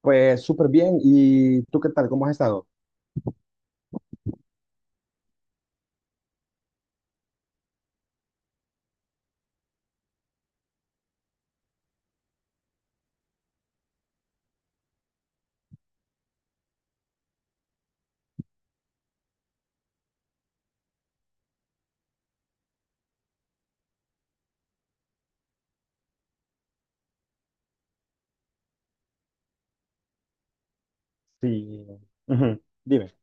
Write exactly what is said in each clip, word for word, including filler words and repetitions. Pues súper bien. ¿Y tú qué tal? ¿Cómo has estado? Sí, ujú, dime.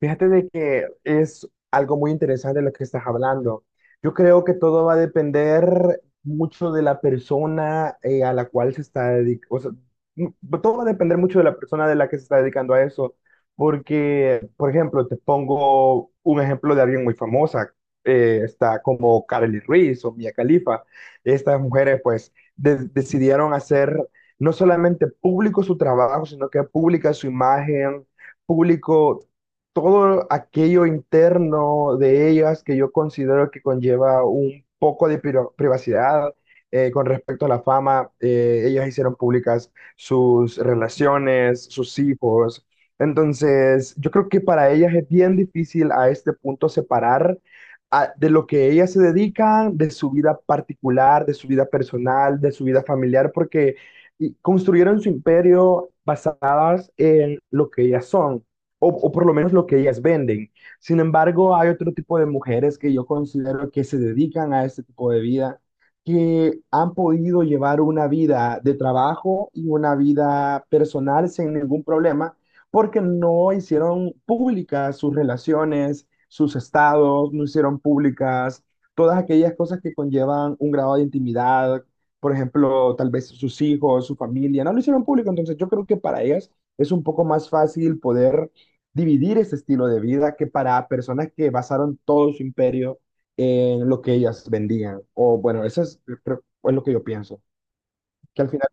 Fíjate de que es algo muy interesante lo que estás hablando. Yo creo que todo va a depender mucho de la persona eh, a la cual se está dedicando. O sea, m- todo va a depender mucho de la persona de la que se está dedicando a eso. Porque, por ejemplo, te pongo un ejemplo de alguien muy famosa. Eh, está como Kareli Ruiz o Mia Khalifa. Estas mujeres, pues, de- decidieron hacer no solamente público su trabajo, sino que pública su imagen público todo aquello interno de ellas que yo considero que conlleva un poco de piro- privacidad eh, con respecto a la fama. Eh, ellas hicieron públicas sus relaciones, sus hijos. Entonces, yo creo que para ellas es bien difícil a este punto separar a- de lo que ellas se dedican, de su vida particular, de su vida personal, de su vida familiar, porque y construyeron su imperio basadas en lo que ellas son o, o por lo menos lo que ellas venden. Sin embargo, hay otro tipo de mujeres que yo considero que se dedican a este tipo de vida, que han podido llevar una vida de trabajo y una vida personal sin ningún problema, porque no hicieron públicas sus relaciones, sus estados, no hicieron públicas todas aquellas cosas que conllevan un grado de intimidad, por ejemplo, tal vez sus hijos, su familia, no lo hicieron público. Entonces yo creo que para ellas es un poco más fácil poder dividir ese estilo de vida que para personas que basaron todo su imperio en lo que ellas vendían. O bueno, eso es, creo- es lo que yo pienso, que al final...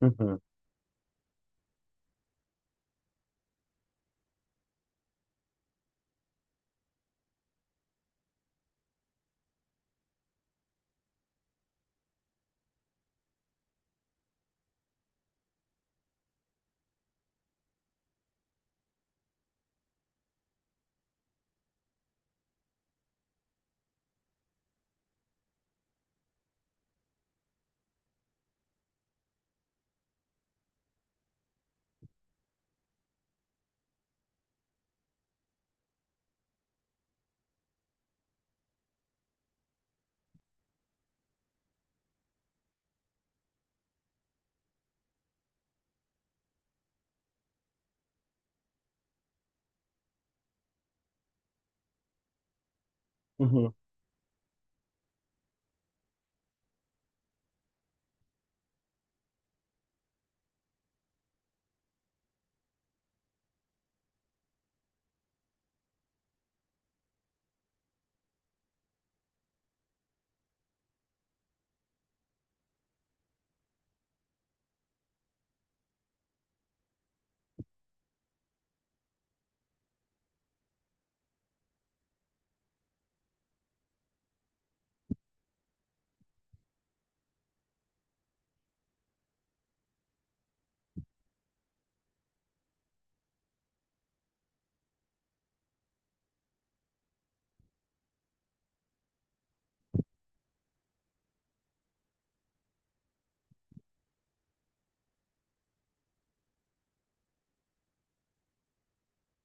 Ujú, ujú,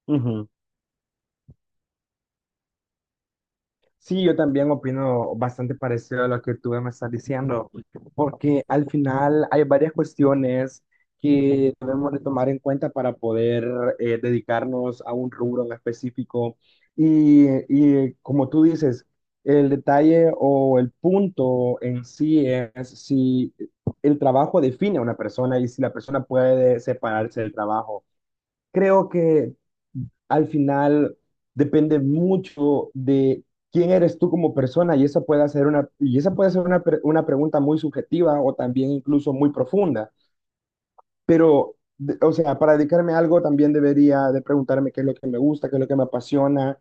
ujú. Sí, yo también opino bastante parecido a lo que tú me estás diciendo, porque al final hay varias cuestiones que debemos de tomar en cuenta para poder eh, dedicarnos a un rubro en específico. Y, y como tú dices, el detalle o el punto en sí es si el trabajo define a una persona y si la persona puede separarse del trabajo. Creo que al final depende mucho de quién eres tú como persona y esa puede ser una, y esa puede ser una, pre- una pregunta muy subjetiva o también incluso muy profunda. Pero, de- o sea, para dedicarme a algo también debería de preguntarme qué es lo que me gusta, qué es lo que me apasiona,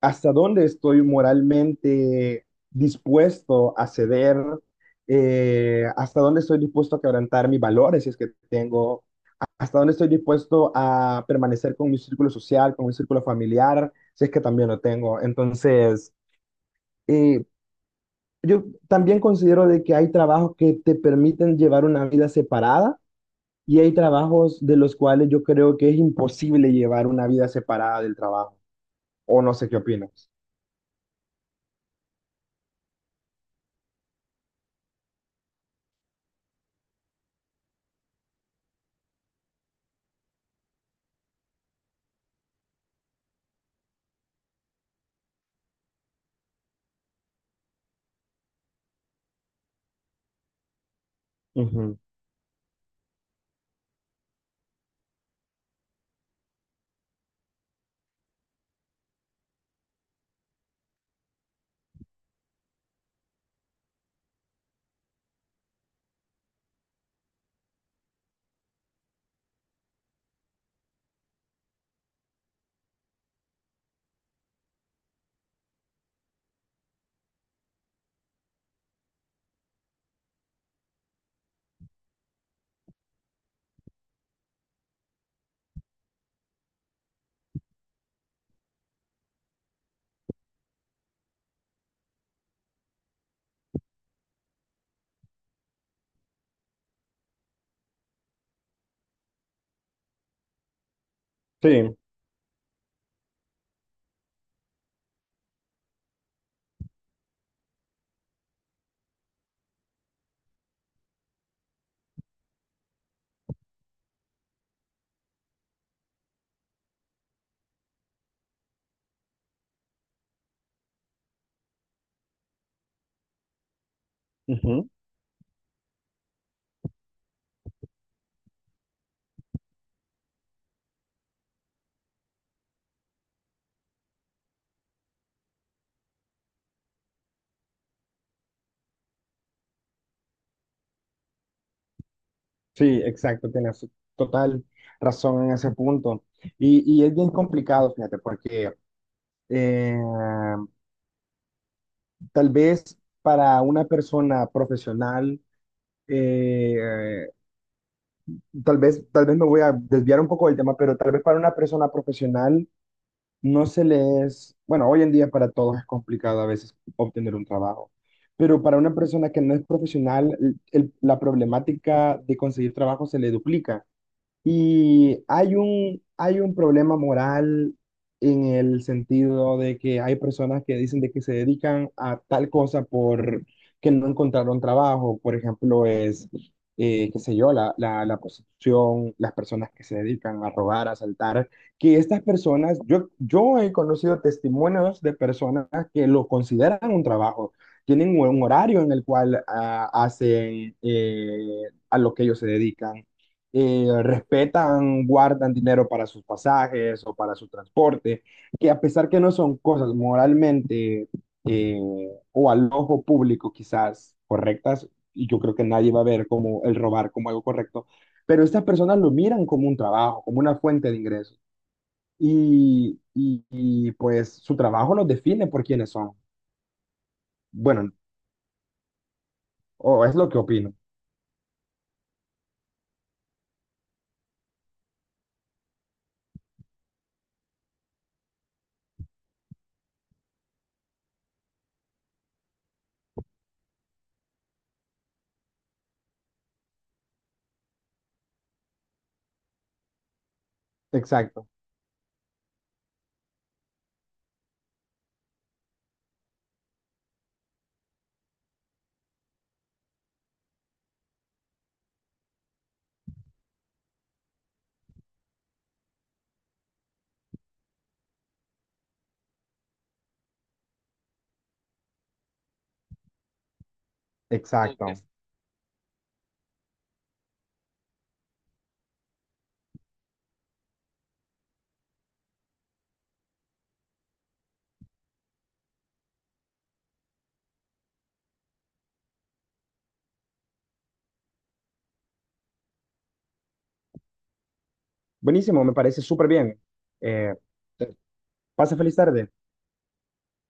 hasta dónde estoy moralmente dispuesto a ceder, eh, hasta dónde estoy dispuesto a quebrantar mis valores, si es que tengo, hasta dónde estoy dispuesto a permanecer con mi círculo social, con mi círculo familiar, si es que también lo tengo. Entonces, eh, yo también considero de que hay trabajos que te permiten llevar una vida separada y hay trabajos de los cuales yo creo que es imposible llevar una vida separada del trabajo. O no sé qué opinas. Ujú. Sí, ujú. Sí, exacto, tienes total razón en ese punto. Y, y es bien complicado, fíjate, porque eh, tal vez para una persona profesional, eh, eh, tal vez, tal vez me voy a desviar un poco del tema, pero tal vez para una persona profesional no se le es, bueno, hoy en día para todos es complicado a veces obtener un trabajo, pero para una persona que no es profesional, el- el- la problemática de conseguir trabajo se le duplica. Y hay un, hay un problema moral en el sentido de que hay personas que dicen de que se dedican a tal cosa por que no encontraron trabajo. Por ejemplo, es, eh, qué sé yo, la, la, la prostitución, las personas que se dedican a robar, a asaltar, que estas personas, yo, yo he conocido testimonios de personas que lo consideran un trabajo. Tienen un horario en el cual ah, hacen eh, a lo que ellos se dedican, eh, respetan, guardan dinero para sus pasajes o para su transporte, que a pesar que no son cosas moralmente eh, o al ojo público quizás correctas, y yo creo que nadie va a ver como el robar como algo correcto, pero estas personas lo miran como un trabajo, como una fuente de ingresos. Y, y- y, pues su trabajo los define por quiénes son. Bueno, o es lo que opino. Exacto. Sí, exacto. es- Buenísimo, me parece súper bien. Eh, pase feliz tarde.